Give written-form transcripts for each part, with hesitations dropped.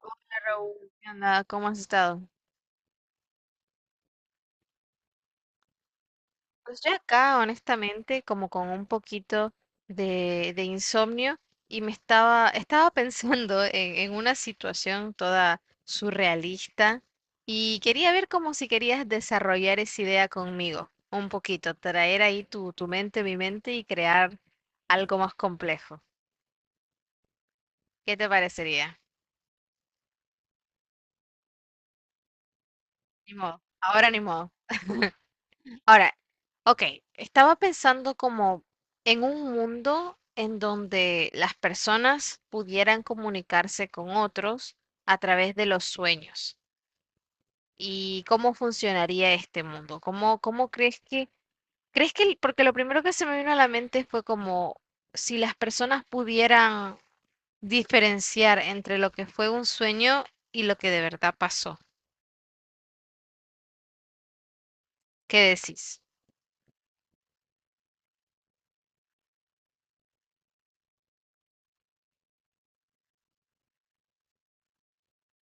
Hola Raúl, ¿qué onda? ¿Cómo has estado? Pues yo acá, honestamente, como con un poquito de insomnio y me estaba pensando en una situación toda surrealista y quería ver como si querías desarrollar esa idea conmigo, un poquito, traer ahí tu mente, mi mente y crear algo más complejo. ¿Qué te parecería? Ni modo, ahora ni modo. Ahora, ok, estaba pensando como en un mundo en donde las personas pudieran comunicarse con otros a través de los sueños. ¿Y cómo funcionaría este mundo? ¿Cómo crees que, porque lo primero que se me vino a la mente fue como si las personas pudieran diferenciar entre lo que fue un sueño y lo que de verdad pasó? ¿Qué decís?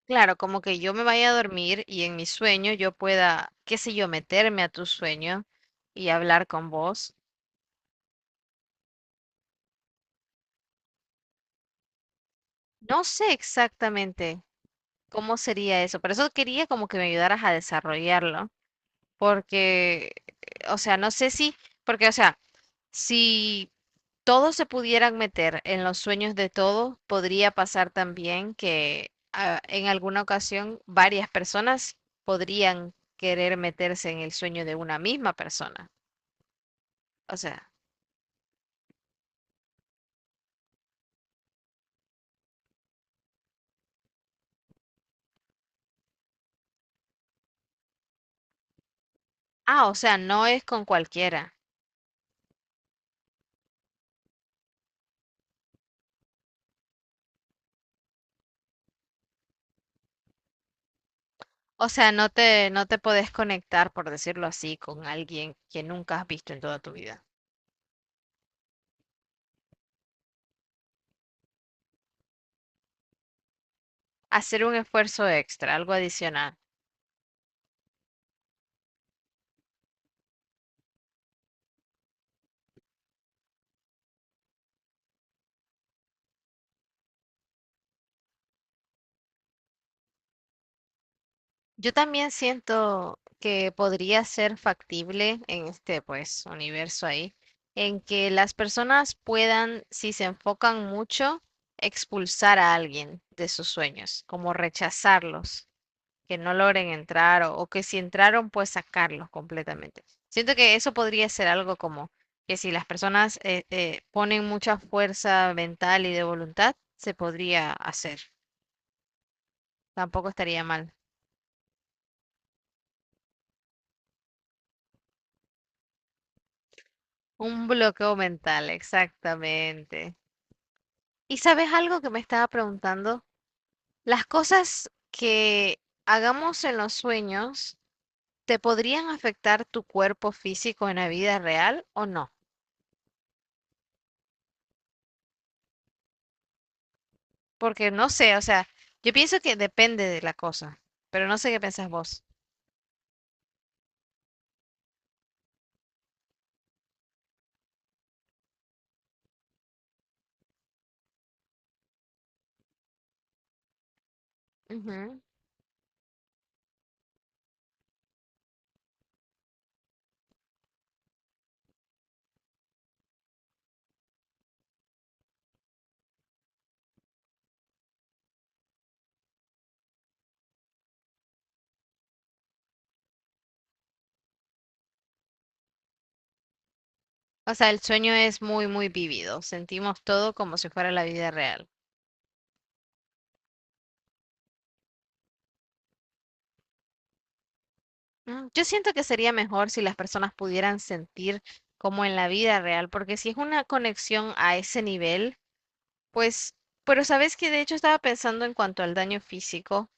Claro, como que yo me vaya a dormir y en mi sueño yo pueda, qué sé yo, meterme a tu sueño y hablar con vos. No sé exactamente cómo sería eso, por eso quería como que me ayudaras a desarrollarlo, porque, o sea, no sé si, porque, o sea, si todos se pudieran meter en los sueños de todos, podría pasar también que en alguna ocasión varias personas podrían querer meterse en el sueño de una misma persona. O sea, ah, o sea, no es con cualquiera. O sea, no te podés conectar, por decirlo así, con alguien que nunca has visto en toda tu vida. Hacer un esfuerzo extra, algo adicional. Yo también siento que podría ser factible en este, pues, universo ahí, en que las personas puedan, si se enfocan mucho, expulsar a alguien de sus sueños, como rechazarlos, que no logren entrar o que si entraron, pues sacarlos completamente. Siento que eso podría ser algo como que si las personas ponen mucha fuerza mental y de voluntad, se podría hacer. Tampoco estaría mal. Un bloqueo mental, exactamente. ¿Y sabes algo que me estaba preguntando? Las cosas que hagamos en los sueños, ¿te podrían afectar tu cuerpo físico en la vida real o no? Porque no sé, o sea, yo pienso que depende de la cosa, pero no sé qué pensás vos. Ujú. O sea, el sueño es muy, muy vívido, sentimos todo como si fuera la vida real. Mm, yo siento que sería mejor si las personas pudieran sentir como en la vida real, porque si es una conexión a ese nivel, pues, pero sabes que de hecho estaba pensando en cuanto al daño físico,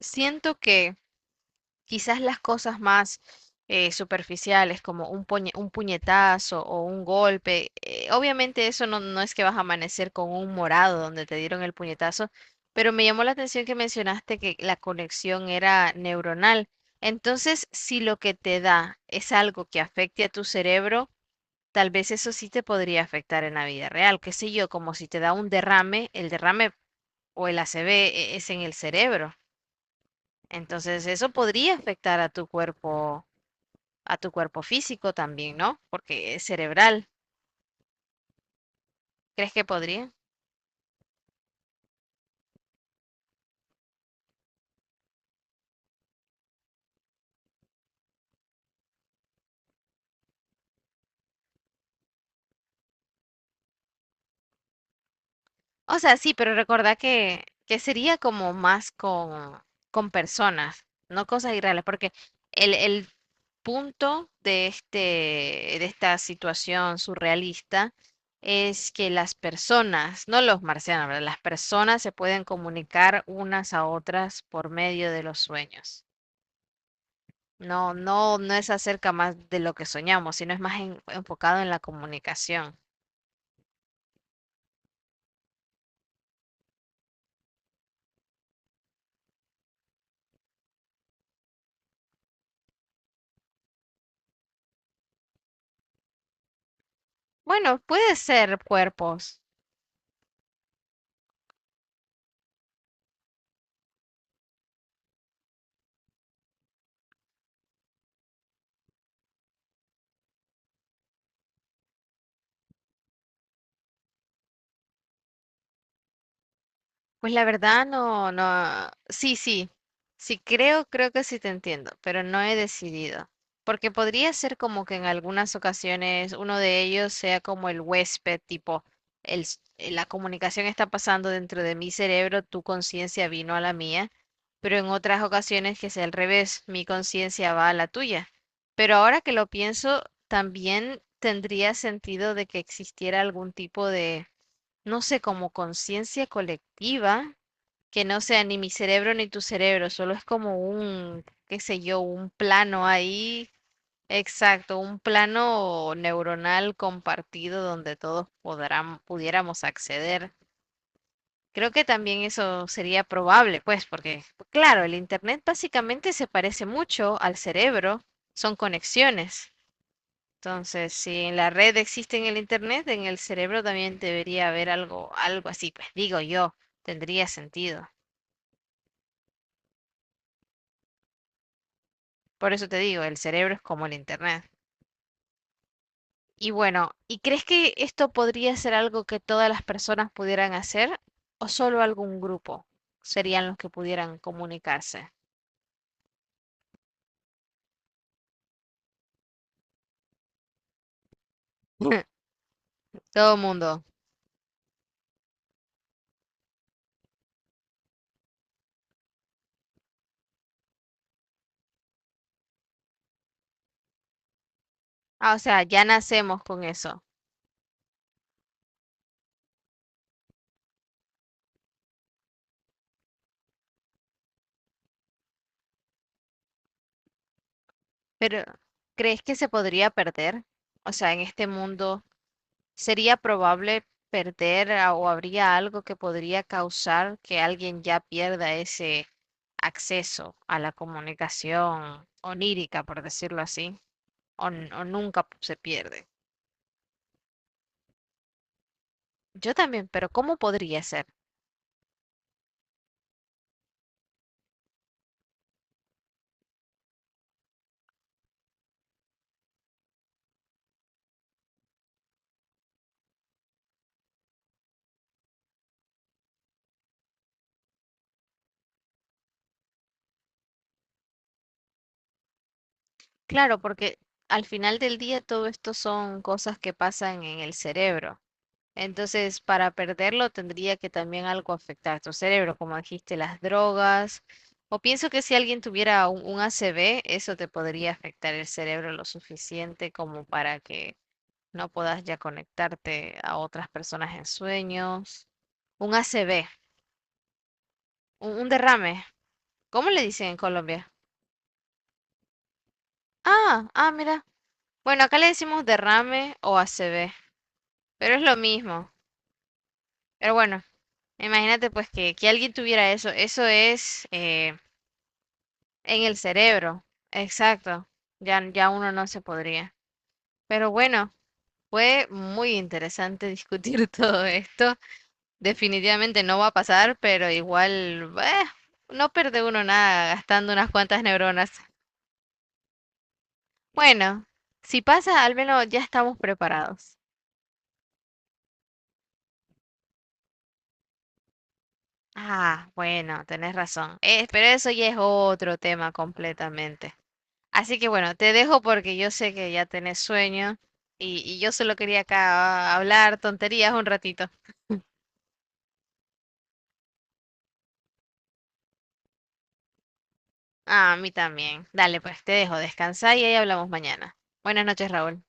siento que quizás las cosas más superficiales, como un, un puñetazo o un golpe, obviamente eso no, no es que vas a amanecer con un morado donde te dieron el puñetazo, pero me llamó la atención que mencionaste que la conexión era neuronal. Entonces, si lo que te da es algo que afecte a tu cerebro, tal vez eso sí te podría afectar en la vida real, qué sé yo, como si te da un derrame, el derrame o el ACV es en el cerebro. Entonces, eso podría afectar a tu cuerpo físico también, ¿no? Porque es cerebral. ¿Crees que podría? O sea, sí, pero recordá que sería como más con personas, no cosas irreales, porque el punto de este, de esta situación surrealista es que las personas, no los marcianos, ¿verdad? Las personas se pueden comunicar unas a otras por medio de los sueños. No es acerca más de lo que soñamos, sino es más enfocado en la comunicación. Bueno, puede ser cuerpos. Pues la verdad no, no. Sí, sí. Sí creo, creo que sí te entiendo, pero no he decidido. Porque podría ser como que en algunas ocasiones uno de ellos sea como el huésped, tipo, la comunicación está pasando dentro de mi cerebro, tu conciencia vino a la mía, pero en otras ocasiones que sea al revés, mi conciencia va a la tuya. Pero ahora que lo pienso, también tendría sentido de que existiera algún tipo de no sé, como conciencia colectiva, que no sea ni mi cerebro ni tu cerebro, solo es como un, qué sé yo, un plano ahí, exacto, un plano neuronal compartido donde todos podrán, pudiéramos acceder. Creo que también eso sería probable, pues, porque, claro, el Internet básicamente se parece mucho al cerebro, son conexiones. Entonces, si en la red existe en el internet, en el cerebro también debería haber algo, algo así, pues digo yo, tendría sentido. Por eso te digo, el cerebro es como el internet. Y bueno, ¿y crees que esto podría ser algo que todas las personas pudieran hacer o solo algún grupo serían los que pudieran comunicarse? Todo mundo. Ah, o sea, ya nacemos con eso. Pero, ¿crees que se podría perder? O sea, en este mundo, ¿sería probable perder o habría algo que podría causar que alguien ya pierda ese acceso a la comunicación onírica, por decirlo así, o, o nunca se pierde? Yo también, pero ¿cómo podría ser? Claro, porque al final del día todo esto son cosas que pasan en el cerebro. Entonces, para perderlo tendría que también algo afectar a tu cerebro, como dijiste, las drogas. O pienso que si alguien tuviera un ACV, eso te podría afectar el cerebro lo suficiente como para que no puedas ya conectarte a otras personas en sueños. Un ACV, un derrame. ¿Cómo le dicen en Colombia? Ah, ah, mira. Bueno, acá le decimos derrame o ACV, pero es lo mismo. Pero bueno, imagínate pues que alguien tuviera eso. Eso es... en el cerebro, exacto. Ya, ya uno no se podría. Pero bueno, fue muy interesante discutir todo esto. Definitivamente no va a pasar, pero igual, no pierde uno nada gastando unas cuantas neuronas. Bueno, si pasa, al menos ya estamos preparados. Ah, bueno, tenés razón. Pero eso ya es otro tema completamente. Así que bueno, te dejo porque yo sé que ya tenés sueño y yo solo quería acá hablar tonterías un ratito. Ah, a mí también. Dale, pues te dejo, descansar y ahí hablamos mañana. Buenas noches, Raúl.